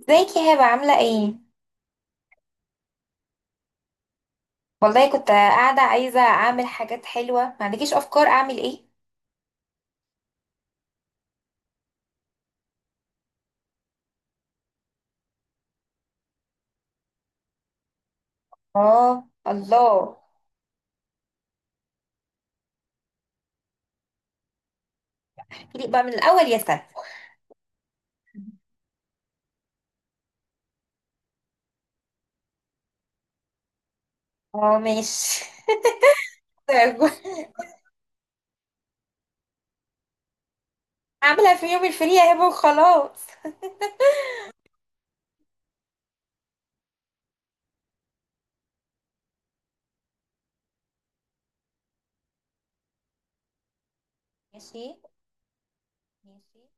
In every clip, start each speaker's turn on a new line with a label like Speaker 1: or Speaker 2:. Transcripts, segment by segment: Speaker 1: ازيك يا هبة عاملة ايه؟ والله كنت قاعدة عايزة اعمل حاجات حلوة، ما عندكيش افكار اعمل ايه؟ اه الله. احكيلي بقى من الاول يا سنة. اه ماشي. اعملها في يوم الفري يا هبة وخلاص. ماشي ماشي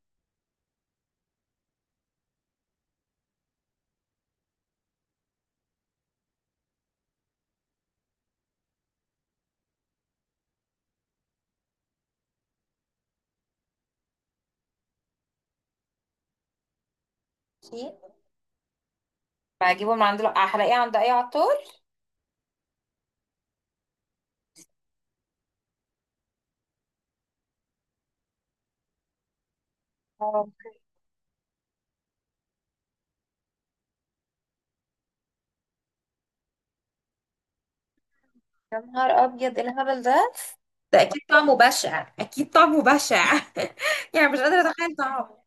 Speaker 1: ماشي. بجيبه من عند هلاقيه عند اي عطار. اه. يا نهار ابيض، ايه الهبل ده؟ ده اكيد طعمه بشع، اكيد طعمه بشع. يعني مش قادرة اتخيل طعمه.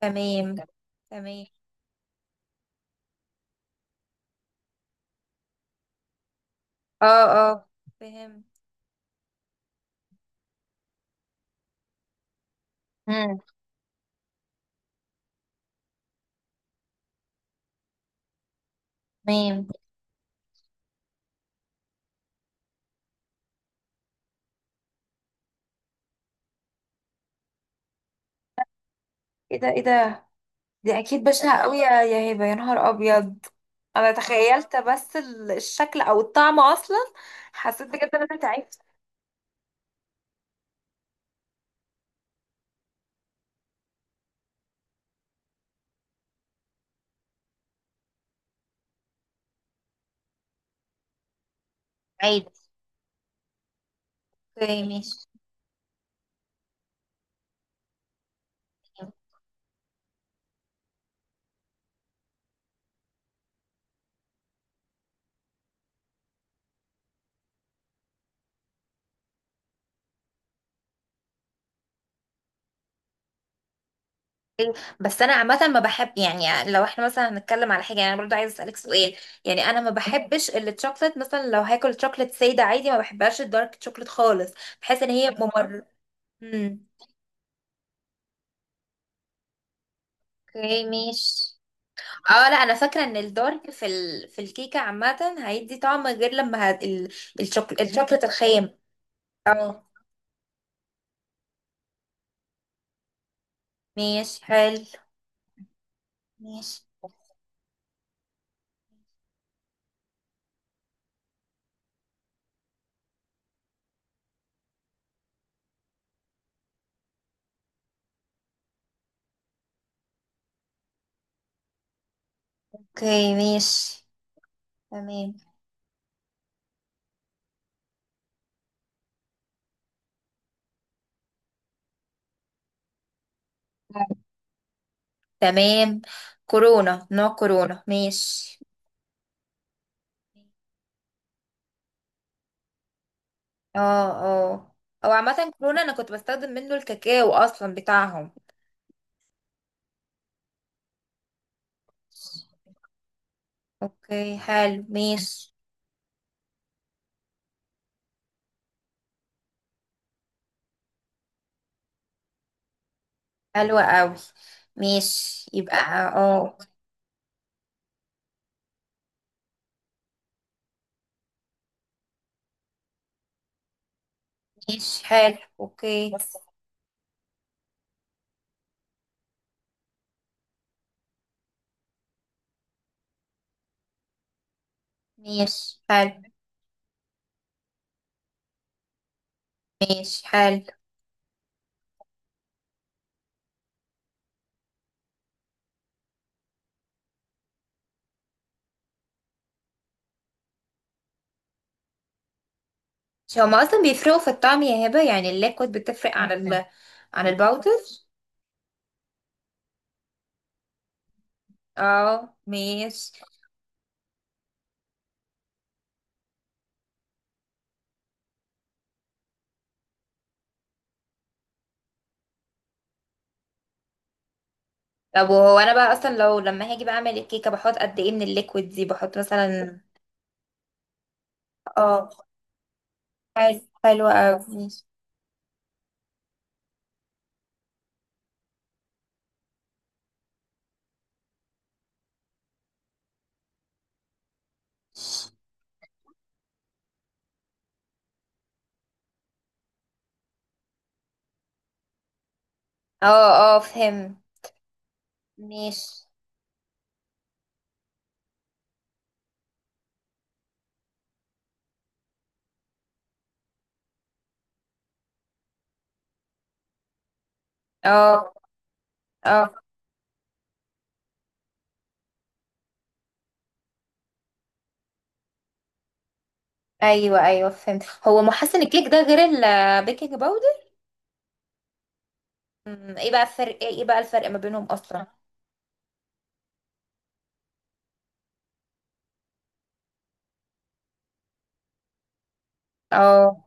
Speaker 1: تمام. تمام. اه اه فهمت. امم، تمام. ايه ده ايه ده؟ دي اكيد بشعة قوي يا يا هبة، يا نهار ابيض. انا تخيلت بس الشكل او الطعم اصلا. حسيت بجد ان انا تعبت. عادي. اوكي ماشي. أوكي. بس انا عامه ما بحب، يعني لو احنا مثلا هنتكلم على حاجه، يعني انا برضو عايزه اسالك سؤال. يعني انا ما بحبش الشوكليت، مثلا لو هاكل شوكليت ساده عادي ما بحبهاش الدارك شوكليت خالص. بحس ان هي ممر. امم. اوكي ماشي. اه لا، انا فاكره ان الدارك في ال... في الكيكه عامه هيدي طعم غير لما هت... ال... الشوك... الشوكليت الخام. اه ماشي حلو. ماشي. اوكي ماشي. تمام. تمام كورونا، نوع كورونا ماشي. اه اه. او عامه كورونا انا كنت بستخدم منه الكاكاو اصلا بتاعهم. اوكي حلو ماشي. حلوة قوي. ماشي يبقى. اه. ماشي حلو اوكي. ماشي حلو. ماشي حلو. مش هما اصلا بيفرقوا في الطعم يا هبة؟ يعني الليكويد بتفرق عن جدا ال عن الباودر. اه ماشي. طب وهو انا بقى اصلا لو لما هاجي بقى اعمل الكيكة بحط قد ايه من الليكويد دي؟ بحط مثلا. اه. حلو حلو اوي ماشي. اه اه فهمت. ماشي. اه اه. ايوه ايوه فهمت. هو محسن الكيك ده غير البيكنج باودر؟ أمم، ايه بقى الفرق، ايه إيه بقى الفرق ما بينهم اصلا؟ اه.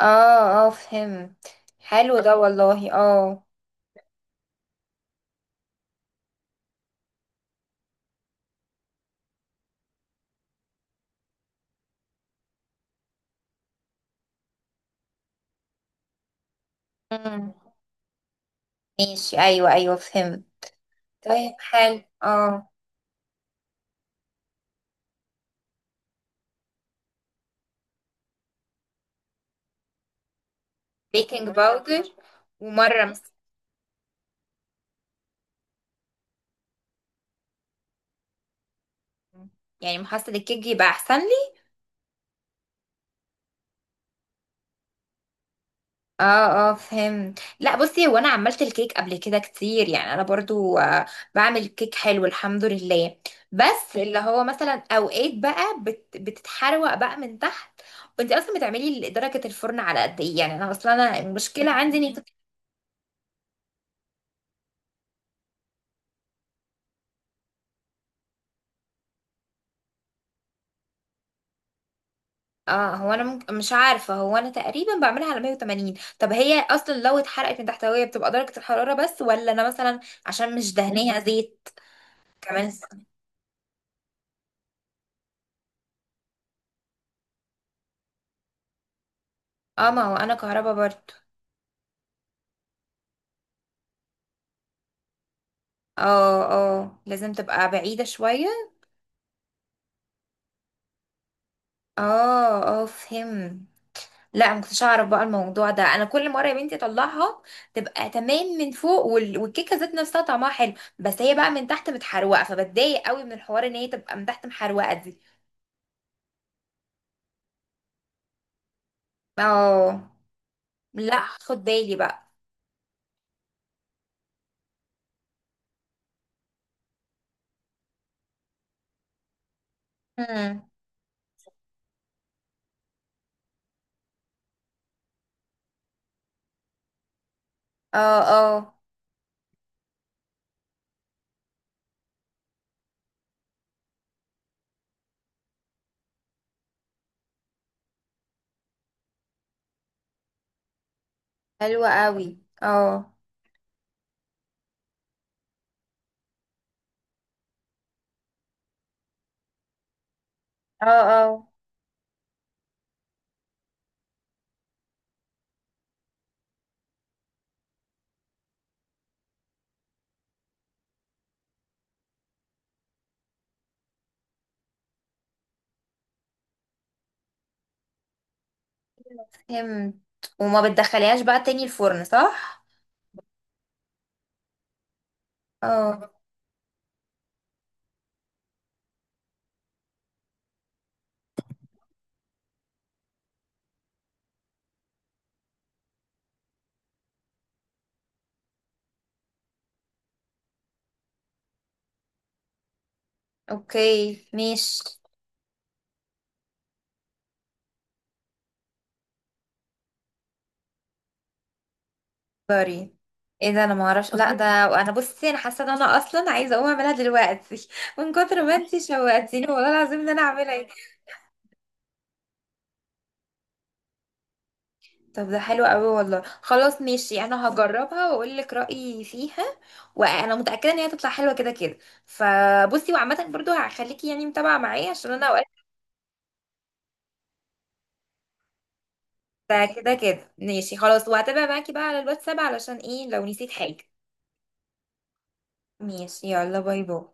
Speaker 1: اه اه فهمت. حلو ده والله. اه. مم. ماشي. ايوه ايوه فهمت. طيب حلو اه. بيكنج باودر. ومره مس- يعني محصل الكيك يبقى احسن لي؟ اه اه فهمت. لا بصي، هو انا عملت الكيك قبل كده كتير، يعني انا برضو آه، بعمل كيك حلو الحمد لله. بس اللي هو مثلا اوقات بقى بتتحروق بقى من تحت. وانت اصلا بتعملي درجه الفرن على قد ايه؟ يعني انا اصلا، انا المشكله عندي اني اه، هو انا ممكن مش عارفه، هو انا تقريبا بعملها على 180. طب هي اصلا لو اتحرقت من تحتويه بتبقى درجه الحراره بس، ولا انا مثلا عشان مش دهنيها زيت كمان؟ اه، ما هو انا كهربا برضو. اه اه، لازم تبقى بعيده شويه. اه اه فهم. لا ما كنتش اعرف بقى الموضوع ده، انا كل مره يا بنتي اطلعها تبقى تمام من فوق والكيكه ذات نفسها طعمها حلو، بس هي بقى من تحت متحروقه، فبتضايق قوي من الحوار ان هي تبقى من تحت محروقه دي. اه. لا، خد بالي بقى. امم. اه اه. حلوة قوي. اه. اه اه فهمت. وما بتدخليهاش بقى تاني الفرن صح؟ اه. اوكي ماشي. سوري. ايه ده، انا ما اعرفش لا ده. انا بصي، انا حاسه ان انا اصلا عايزه اقوم اعملها دلوقتي من كتر ما انتي شوقتيني والله العظيم ان انا اعملها. طب ده حلو قوي والله، خلاص ماشي انا هجربها واقول لك رايي فيها، وانا متاكده ان هي هتطلع حلوه كده كده. فبصي، وعامه برضو هخليكي يعني متابعه معايا عشان انا اوقات. ده كده كده ماشي خلاص، وهتابع معاكي بقى على الواتساب علشان ايه لو نسيت حاجة. ماشي يلا باي باي.